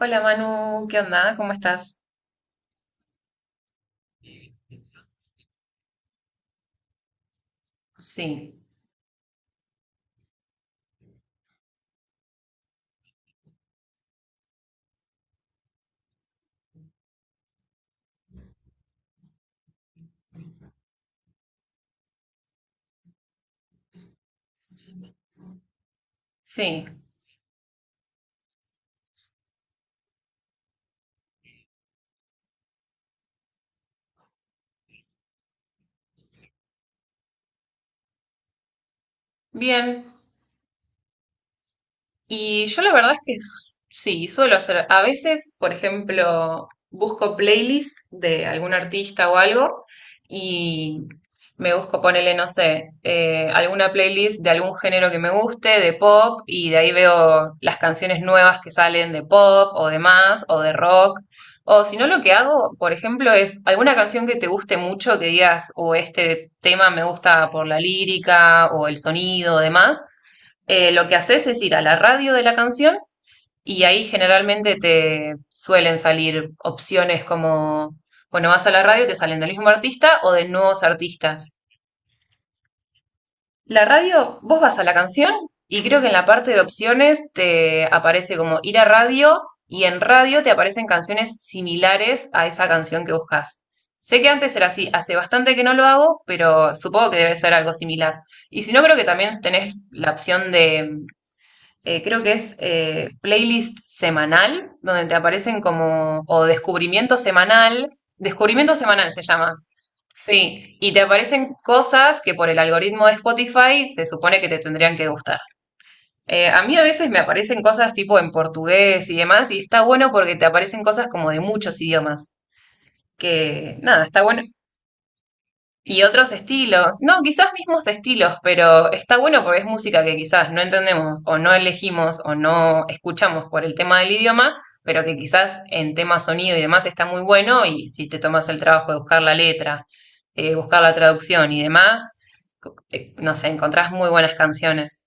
Hola Manu, ¿qué onda? ¿Cómo estás? Sí, sí, bien. Y yo la verdad es que sí, suelo hacer. A veces, por ejemplo, busco playlist de algún artista o algo y me busco ponerle, no sé, alguna playlist de algún género que me guste, de pop, y de ahí veo las canciones nuevas que salen de pop o de más o de rock. O si no, lo que hago, por ejemplo, es alguna canción que te guste mucho, que digas, o este tema me gusta por la lírica o el sonido o demás. Lo que haces es ir a la radio de la canción y ahí generalmente te suelen salir opciones como, bueno, vas a la radio y te salen del mismo artista o de nuevos artistas. La radio, vos vas a la canción y creo que en la parte de opciones te aparece como ir a radio y en radio te aparecen canciones similares a esa canción que buscas. Sé que antes era así, hace bastante que no lo hago, pero supongo que debe ser algo similar. Y si no, creo que también tenés la opción de creo que es playlist semanal, donde te aparecen como, o descubrimiento semanal se llama, sí, y te aparecen cosas que por el algoritmo de Spotify se supone que te tendrían que gustar. A mí a veces me aparecen cosas tipo en portugués y demás, y está bueno porque te aparecen cosas como de muchos idiomas, que nada, está bueno, y otros estilos, no, quizás mismos estilos, pero está bueno porque es música que quizás no entendemos o no elegimos o no escuchamos por el tema del idioma, pero que quizás en tema sonido y demás está muy bueno y si te tomas el trabajo de buscar la letra, buscar la traducción y demás, no sé, encontrás muy buenas canciones.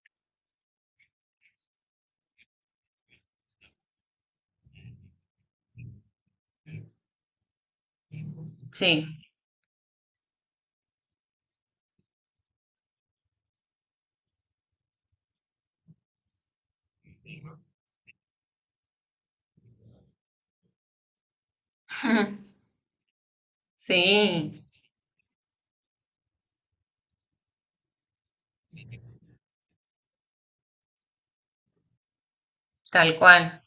Sí, sí, tal cual,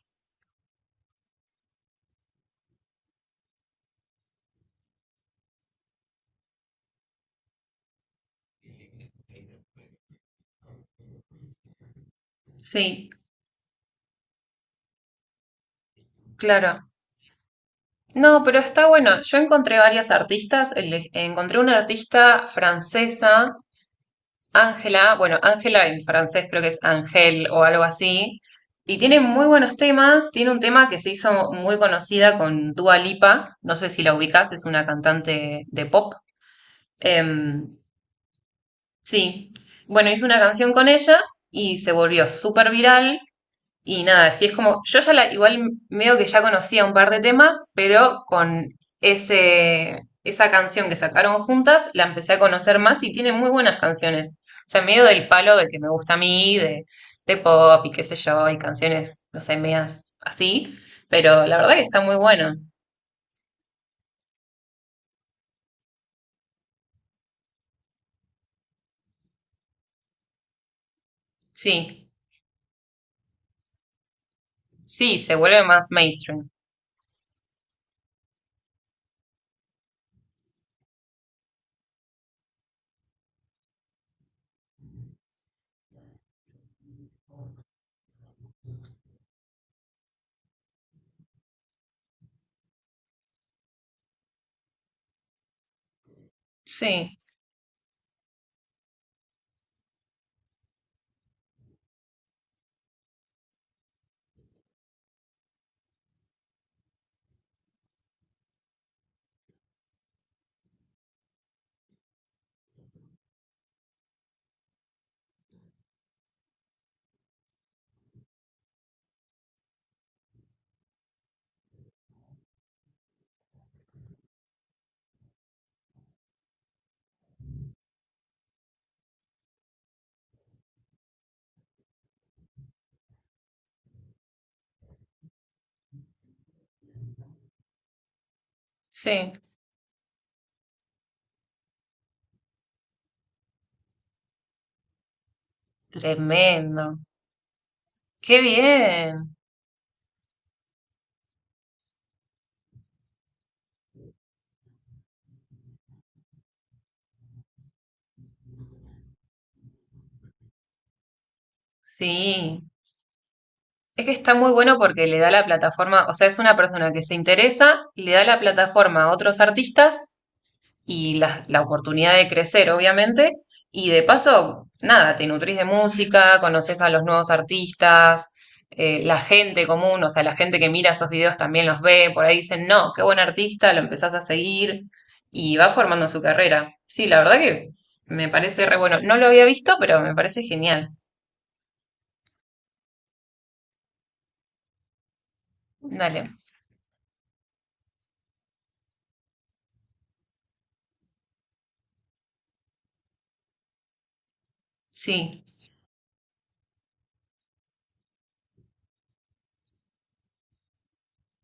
sí, claro. No, pero está bueno. Yo encontré varias artistas. Encontré una artista francesa Ángela, bueno, Ángela en francés creo que es Ángel o algo así, y tiene muy buenos temas, tiene un tema que se hizo muy conocida con Dua Lipa, no sé si la ubicás, es una cantante de pop. Em, sí, bueno, hizo una canción con ella y se volvió súper viral y nada, sí es como, yo ya la, igual veo que ya conocía un par de temas, pero con esa canción que sacaron juntas, la empecé a conocer más y tiene muy buenas canciones. O sea, medio del palo del que me gusta a mí, de pop y qué sé yo, y canciones, no sé, medias así, pero la verdad que está muy bueno. Sí, sí, se vuelve más mainstream. Sí, sí, tremendo. Qué bien. Sí. Es que está muy bueno porque le da la plataforma, o sea, es una persona que se interesa y le da la plataforma a otros artistas y la oportunidad de crecer, obviamente. Y de paso, nada, te nutrís de música, conoces a los nuevos artistas, la gente común, o sea, la gente que mira esos videos también los ve, por ahí dicen, no, qué buen artista, lo empezás a seguir y va formando su carrera. Sí, la verdad que me parece re bueno. No lo había visto, pero me parece genial. Dale. Sí,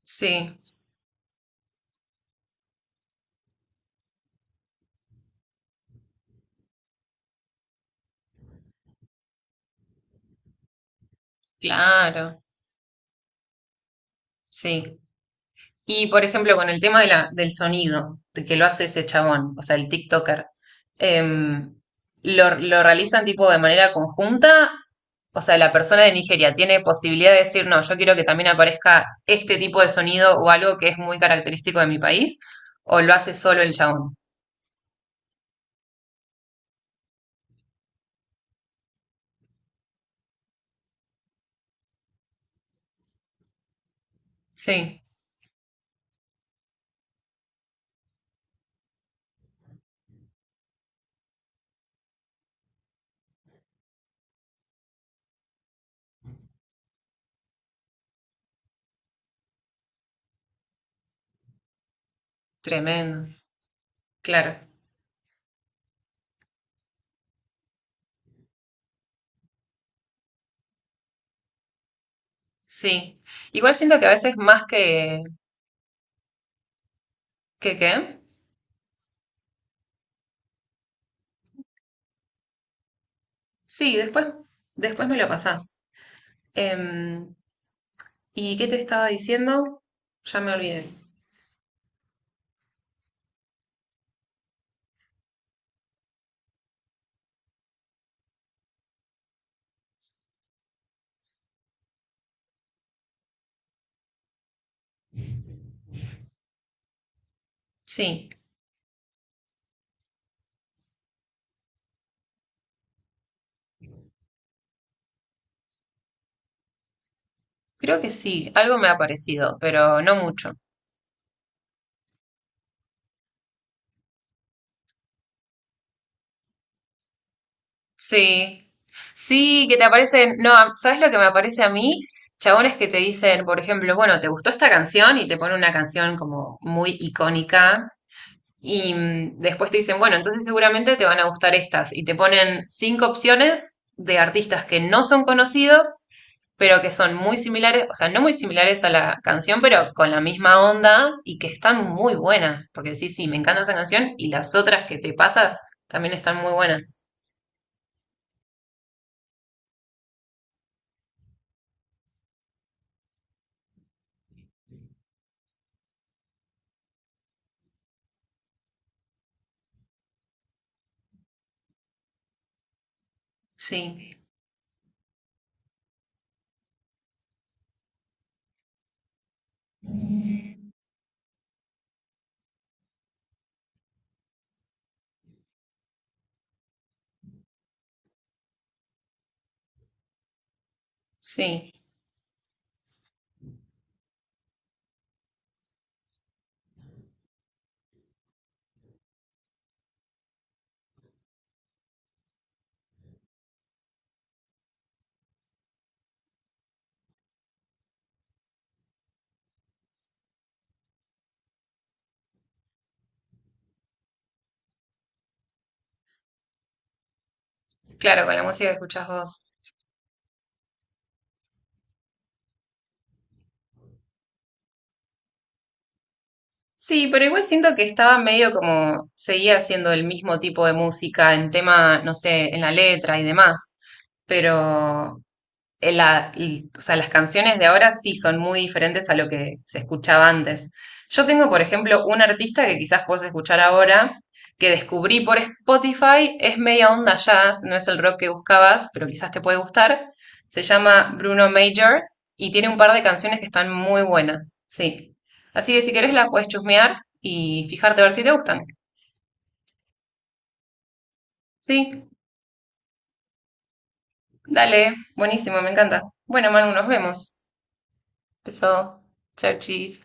sí, claro. Sí. Y por ejemplo, con el tema de la, del sonido, de que lo hace ese chabón, o sea, el TikToker, em, lo realizan tipo de manera conjunta? O sea, la persona de Nigeria tiene posibilidad de decir, no, yo quiero que también aparezca este tipo de sonido o algo que es muy característico de mi país, o lo hace solo el chabón. Sí, tremendo. Claro, sí. Igual siento que a veces más que qué. Sí, después, después me lo pasás. Em, ¿Y qué te estaba diciendo? Ya me olvidé. Sí, creo que sí, algo me ha parecido, pero no mucho. Sí, sí, que te aparecen, no, ¿sabes lo que me aparece a mí? Chabones que te dicen, por ejemplo, bueno, ¿te gustó esta canción? Y te pone una canción como muy icónica. Y después te dicen, bueno, entonces seguramente te van a gustar estas. Y te ponen cinco opciones de artistas que no son conocidos, pero que son muy similares, o sea, no muy similares a la canción, pero con la misma onda y que están muy buenas. Porque sí, sí, me encanta esa canción y las otras que te pasa también están muy buenas. Sí, sí, claro, con la música que escuchás vos. Sí, pero igual siento que estaba medio como seguía haciendo el mismo tipo de música en tema, no sé, en la letra y demás. Pero o sea, las canciones de ahora sí son muy diferentes a lo que se escuchaba antes. Yo tengo, por ejemplo, un artista que quizás puedes escuchar ahora, que descubrí por Spotify, es media onda jazz, no es el rock que buscabas, pero quizás te puede gustar. Se llama Bruno Major y tiene un par de canciones que están muy buenas, sí. Así que si querés la puedes chusmear y fijarte a ver si te gustan. Sí, dale, buenísimo, me encanta. Bueno, Manu, nos vemos. Beso. Chau, chis.